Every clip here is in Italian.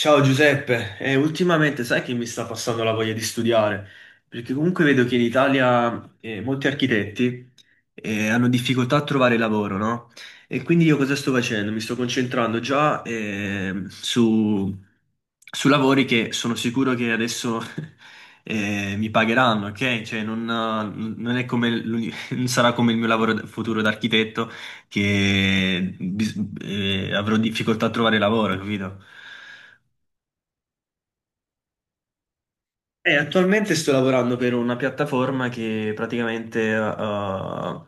Ciao Giuseppe. Ultimamente sai che mi sta passando la voglia di studiare? Perché comunque vedo che in Italia molti architetti hanno difficoltà a trovare lavoro, no? E quindi io cosa sto facendo? Mi sto concentrando già su lavori che sono sicuro che adesso mi pagheranno, ok? Cioè non è come non sarà come il mio futuro da architetto che avrò difficoltà a trovare lavoro, capito? Attualmente sto lavorando per una piattaforma che praticamente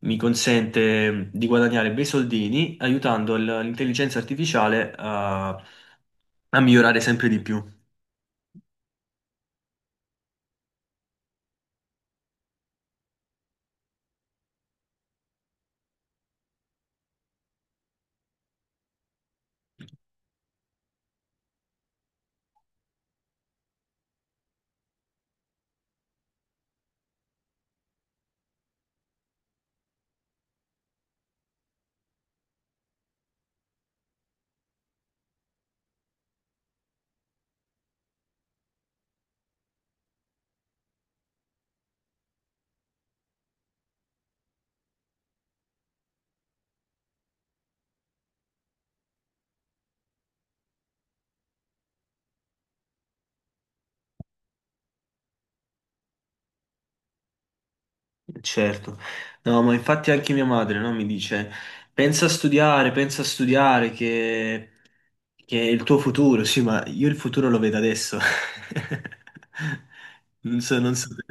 mi consente di guadagnare bei soldini aiutando l'intelligenza artificiale a migliorare sempre di più. Certo, no, ma infatti anche mia madre, no, mi dice, pensa a studiare, che è il tuo futuro. Sì, ma io il futuro lo vedo adesso. Non so, non so. Te.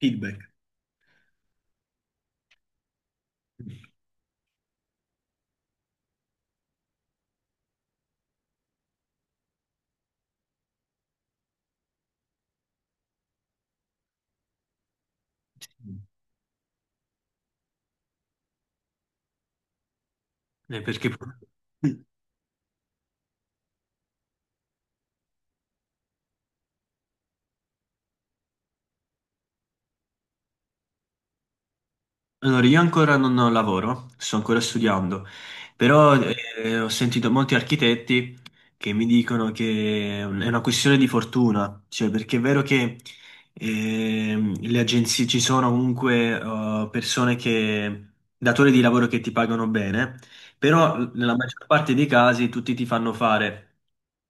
Feedback. Perché... Allora, io ancora non lavoro, sto ancora studiando, però ho sentito molti architetti che mi dicono che è una questione di fortuna, cioè perché è vero che le agenzie ci sono comunque persone datori di lavoro che ti pagano bene, però nella maggior parte dei casi tutti ti fanno fare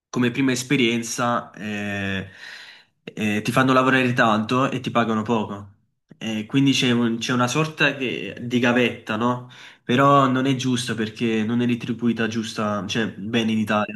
come prima esperienza, ti fanno lavorare tanto e ti pagano poco. Quindi c'è una sorta di gavetta, no? Però non è giusta perché non è retribuita giusta, cioè, bene in Italia.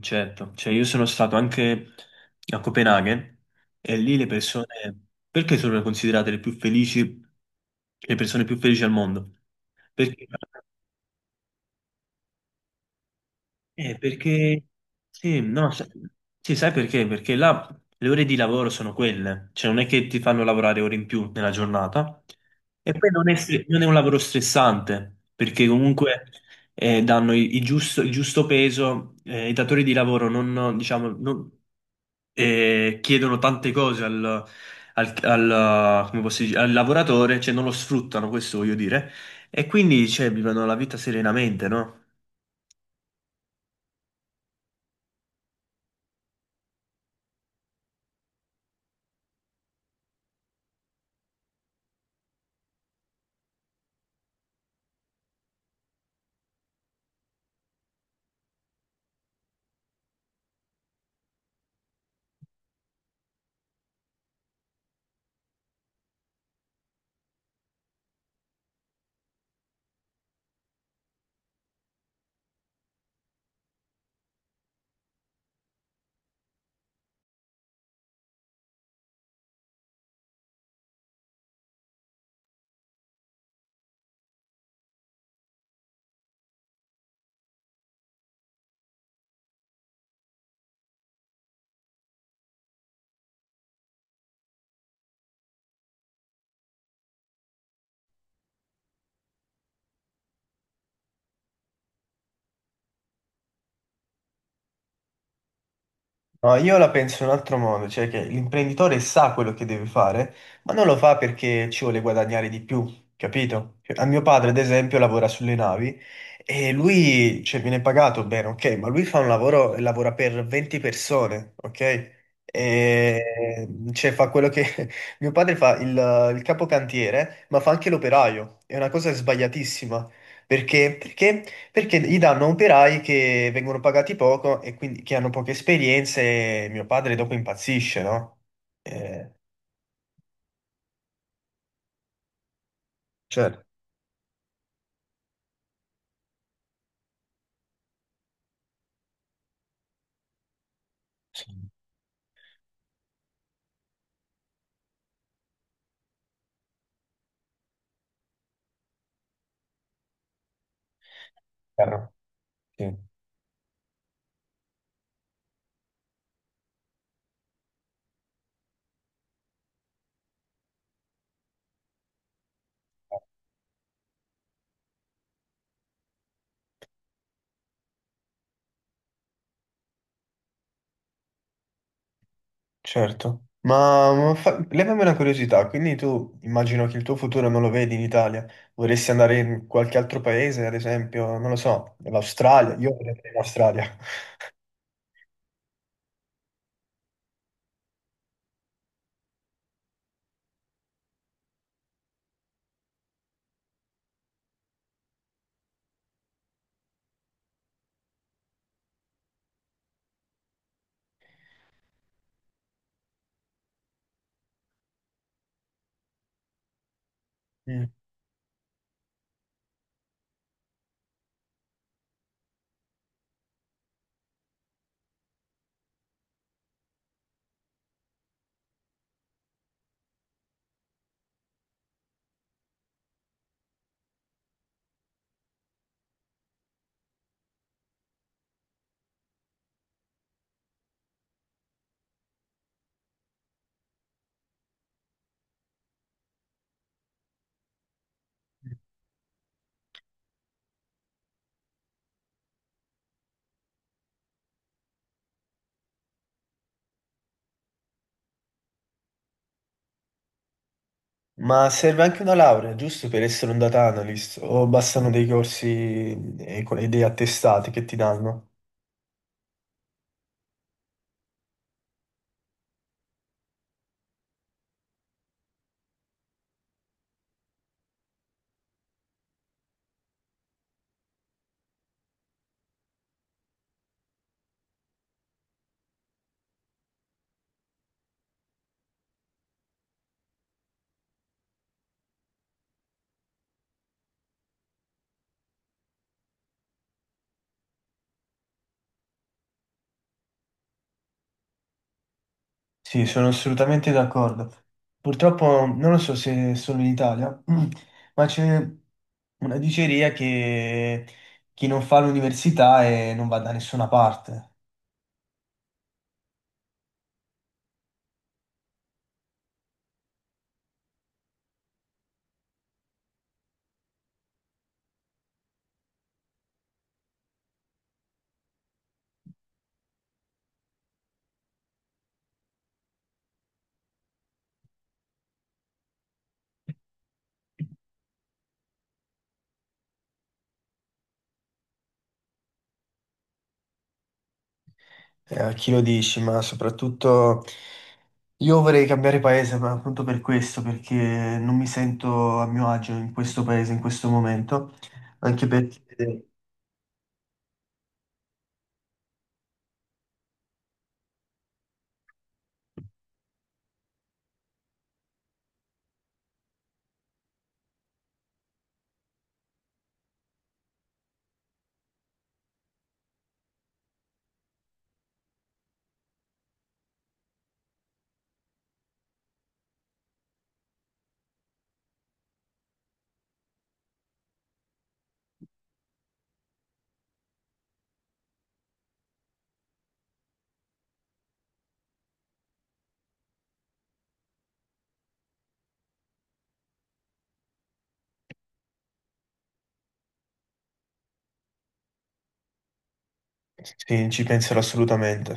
Certo, cioè io sono stato anche a Copenaghen e lì le persone, perché sono considerate le più felici, le persone più felici al mondo? Perché eh, perché sì, no, sa- sì, sai perché? Perché là le ore di lavoro sono quelle, cioè non è che ti fanno lavorare ore in più nella giornata e poi non è un lavoro stressante, perché comunque danno il giusto peso, i datori di lavoro non, diciamo, non- chiedono tante cose come posso dire, al lavoratore, cioè non lo sfruttano, questo voglio dire, e quindi cioè, vivono la vita serenamente, no? No, io la penso in un altro modo, cioè che l'imprenditore sa quello che deve fare, ma non lo fa perché ci vuole guadagnare di più, capito? Cioè, a mio padre, ad esempio, lavora sulle navi e lui, cioè, viene pagato bene, ok, ma lui fa un lavoro, e lavora per 20 persone, ok? E, cioè, fa quello che... Mio padre fa il capocantiere, ma fa anche l'operaio. È una cosa sbagliatissima. Perché? Perché gli danno operai che vengono pagati poco e quindi che hanno poche esperienze, e mio padre dopo impazzisce, no? Eh, certo, sì, chiaro, sì, certo. Ma, levami una curiosità, quindi tu immagino che il tuo futuro non lo vedi in Italia, vorresti andare in qualche altro paese, ad esempio, non lo so, l'Australia, io vorrei andare in Australia. Mm. Ma serve anche una laurea, giusto, per essere un data analyst? O bastano dei corsi e e dei attestati che ti danno? Sì, sono assolutamente d'accordo. Purtroppo non lo so se è solo in Italia, ma c'è una diceria che chi non fa l'università non va da nessuna parte. A chi lo dici, ma soprattutto io vorrei cambiare paese, ma appunto per questo, perché non mi sento a mio agio in questo paese, in questo momento, anche perché sì, ci penserò assolutamente.